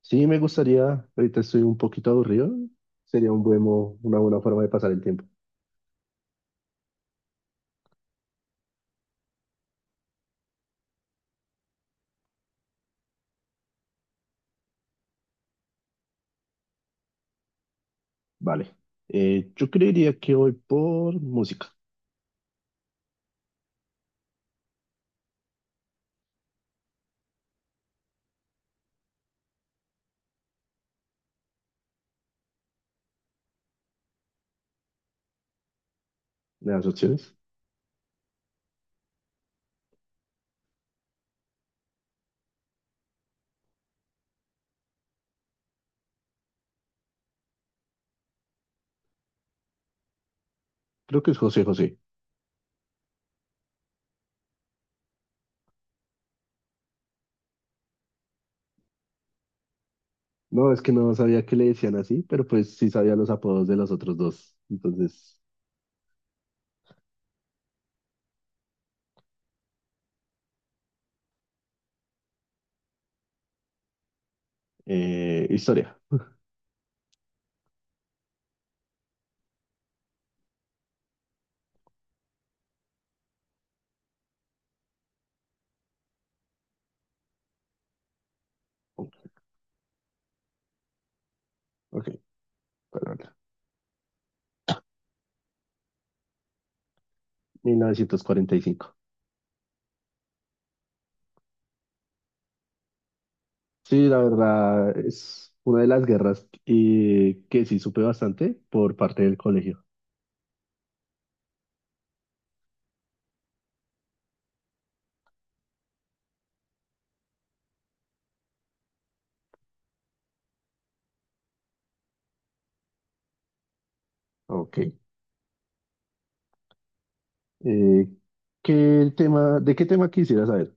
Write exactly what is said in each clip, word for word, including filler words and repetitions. Sí, me gustaría, ahorita estoy un poquito aburrido, sería un buen, mo- una buena forma de pasar el tiempo. Vale. Eh, yo creería que voy por música. ¿Me das opciones? Creo que es José José. No, es que no sabía que le decían así, pero pues sí sabía los apodos de los otros dos. Entonces, eh, historia. Ok, perdón. Mil novecientos cuarenta y cinco. Sí, la verdad es una de las guerras eh, que sí supe bastante por parte del colegio. Ok. Eh, ¿qué el tema, de qué tema quisiera saber?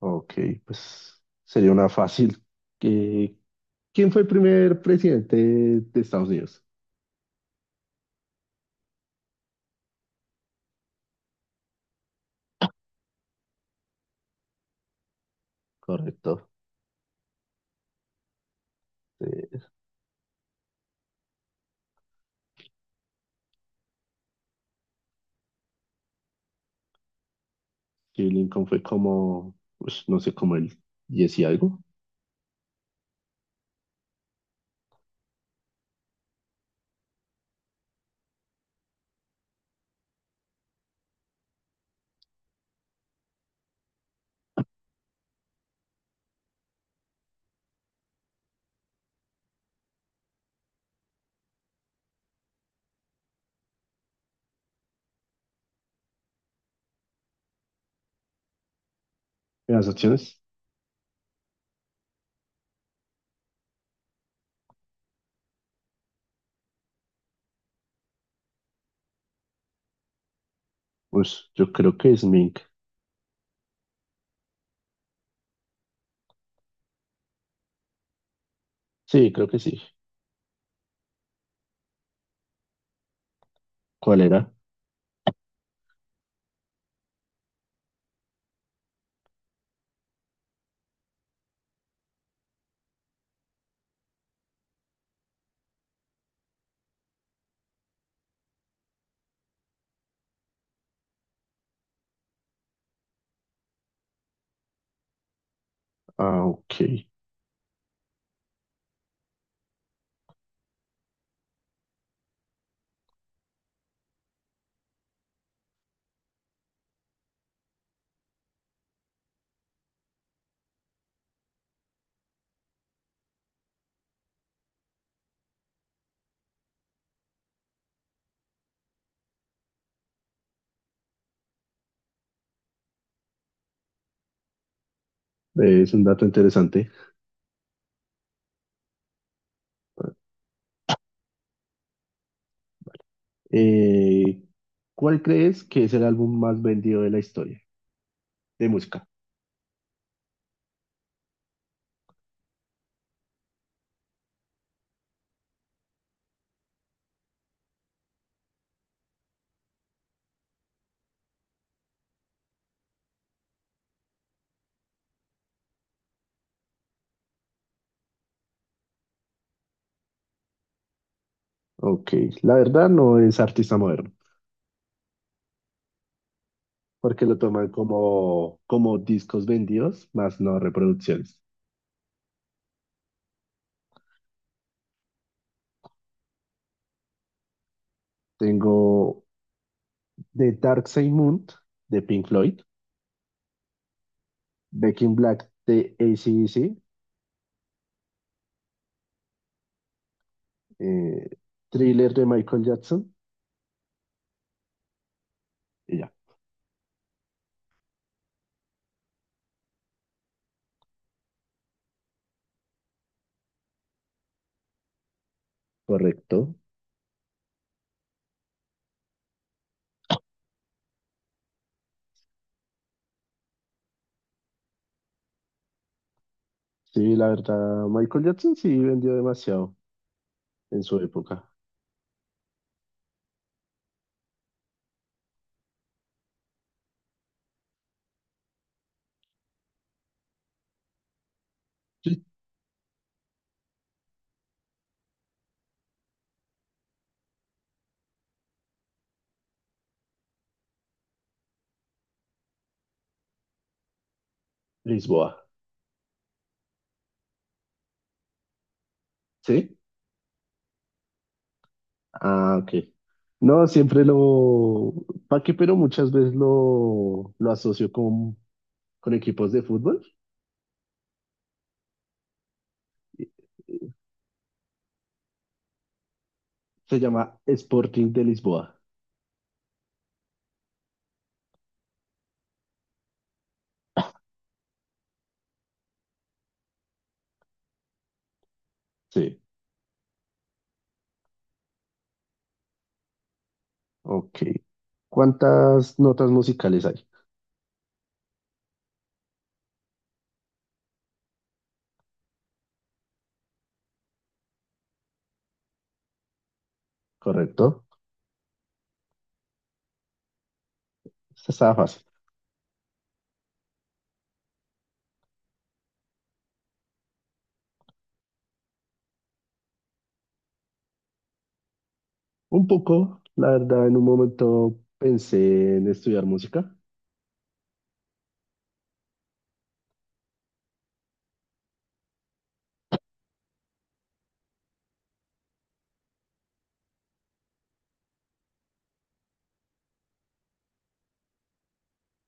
Ok, pues sería una fácil. Eh, ¿Quién fue el primer presidente de Estados Unidos? Correcto. Eh, sí, Lincoln fue como, pues no sé, como el diez y algo. ¿Las opciones? Pues yo creo que es Mink. Sí, creo que sí. ¿Cuál era? Ah, ok. Es un dato interesante. Eh, ¿Cuál crees que es el álbum más vendido de la historia de música? Ok, la verdad no es artista moderno, porque lo toman como, como discos vendidos, más no reproducciones. Tengo The Dark Side Moon de Pink Floyd, Back in Black de A C/D C, eh, Thriller de Michael Jackson, y ya, correcto. Sí, la verdad, Michael Jackson sí vendió demasiado en su época. Sí. Lisboa. ¿Sí? Ah, ok. No, siempre lo, ¿para qué, pero muchas veces lo, lo asocio con con equipos de fútbol. Se llama Sporting de Lisboa. Sí, ok. ¿Cuántas notas musicales hay? ¿Correcto? Esta estaba fácil. Un poco, la verdad, en un momento pensé en estudiar música.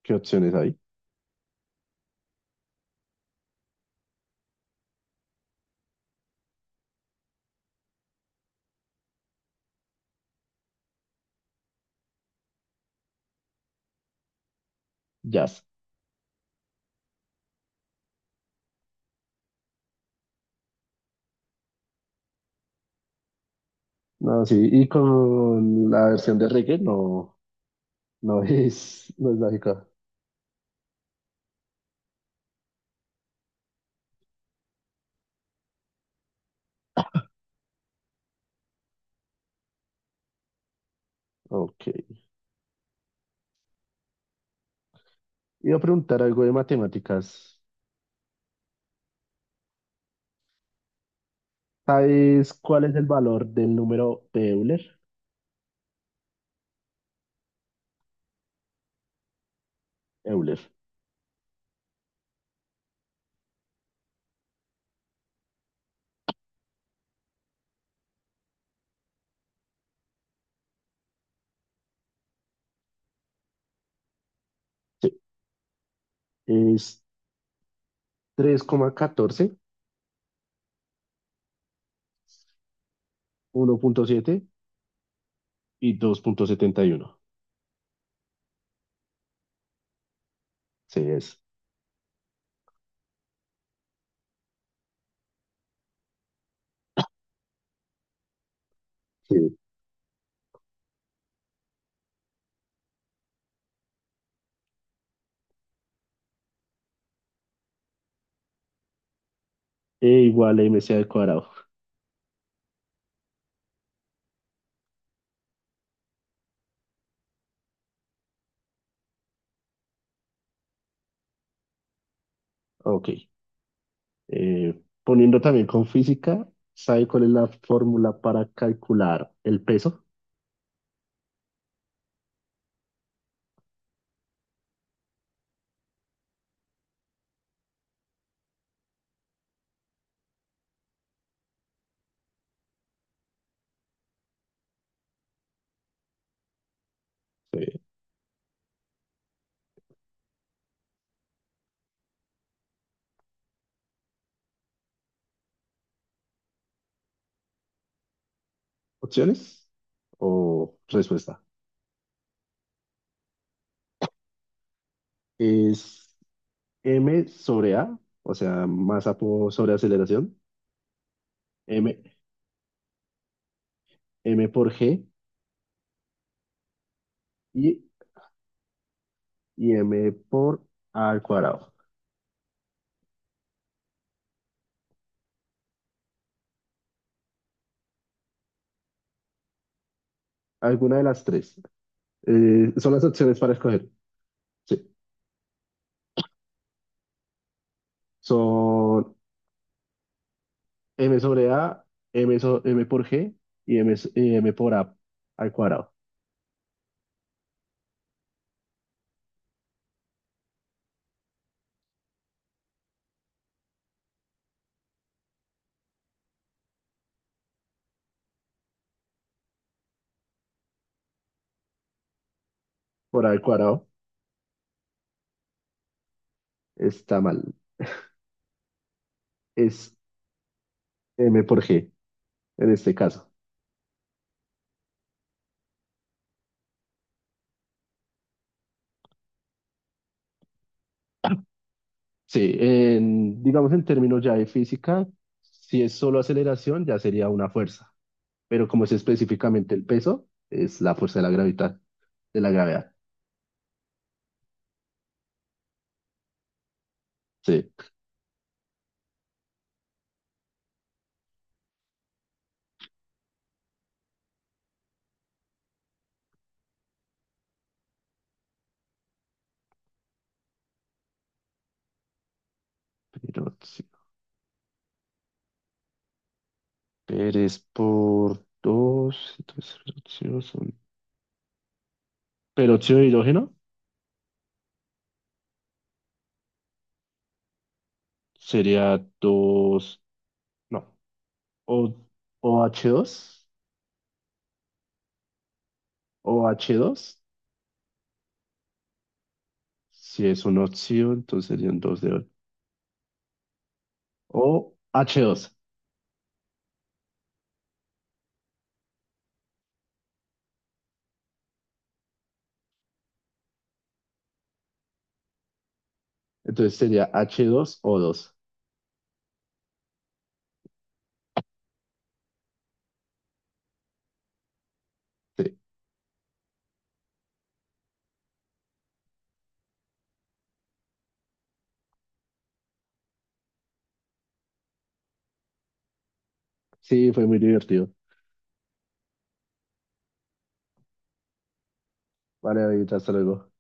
¿Qué opciones hay? Jazz. No, sí, y con la versión de reggae no, no es, no es lógica. Ok. Iba a preguntar algo de matemáticas. ¿Sabes cuál es el valor del número de Euler? Euler. Sí. Es tres coma catorce, uno punto siete, y dos coma setenta y uno. Sí, es. Sí. E igual a M C al cuadrado. Ok. Eh, Poniendo también con física, ¿sabe cuál es la fórmula para calcular el peso? Eh, ¿Opciones o respuesta? Es M sobre A, o sea, masa po- sobre aceleración, M, M por G, y, y M por A al cuadrado. Alguna de las tres. Eh, son las opciones para escoger. Sí, son m sobre a, m, so- m por g, y m, s- y m por a al cuadrado. Por a al cuadrado está mal. Es m por g en este caso. Sí, en, digamos en términos ya de física, si es solo aceleración ya sería una fuerza, pero como es específicamente el peso, es la fuerza de la gravedad, de la gravedad. Sí, pero sí. Pérez por dos entonces, pero óxido son- peróxido de hidrógeno. Sería dos no, o, OH2, oh dos, si es una opción, entonces serían dos de ocho. O h dos, entonces sería h dos o dos. Sí, sí, fue muy divertido. Vale, David, hasta luego.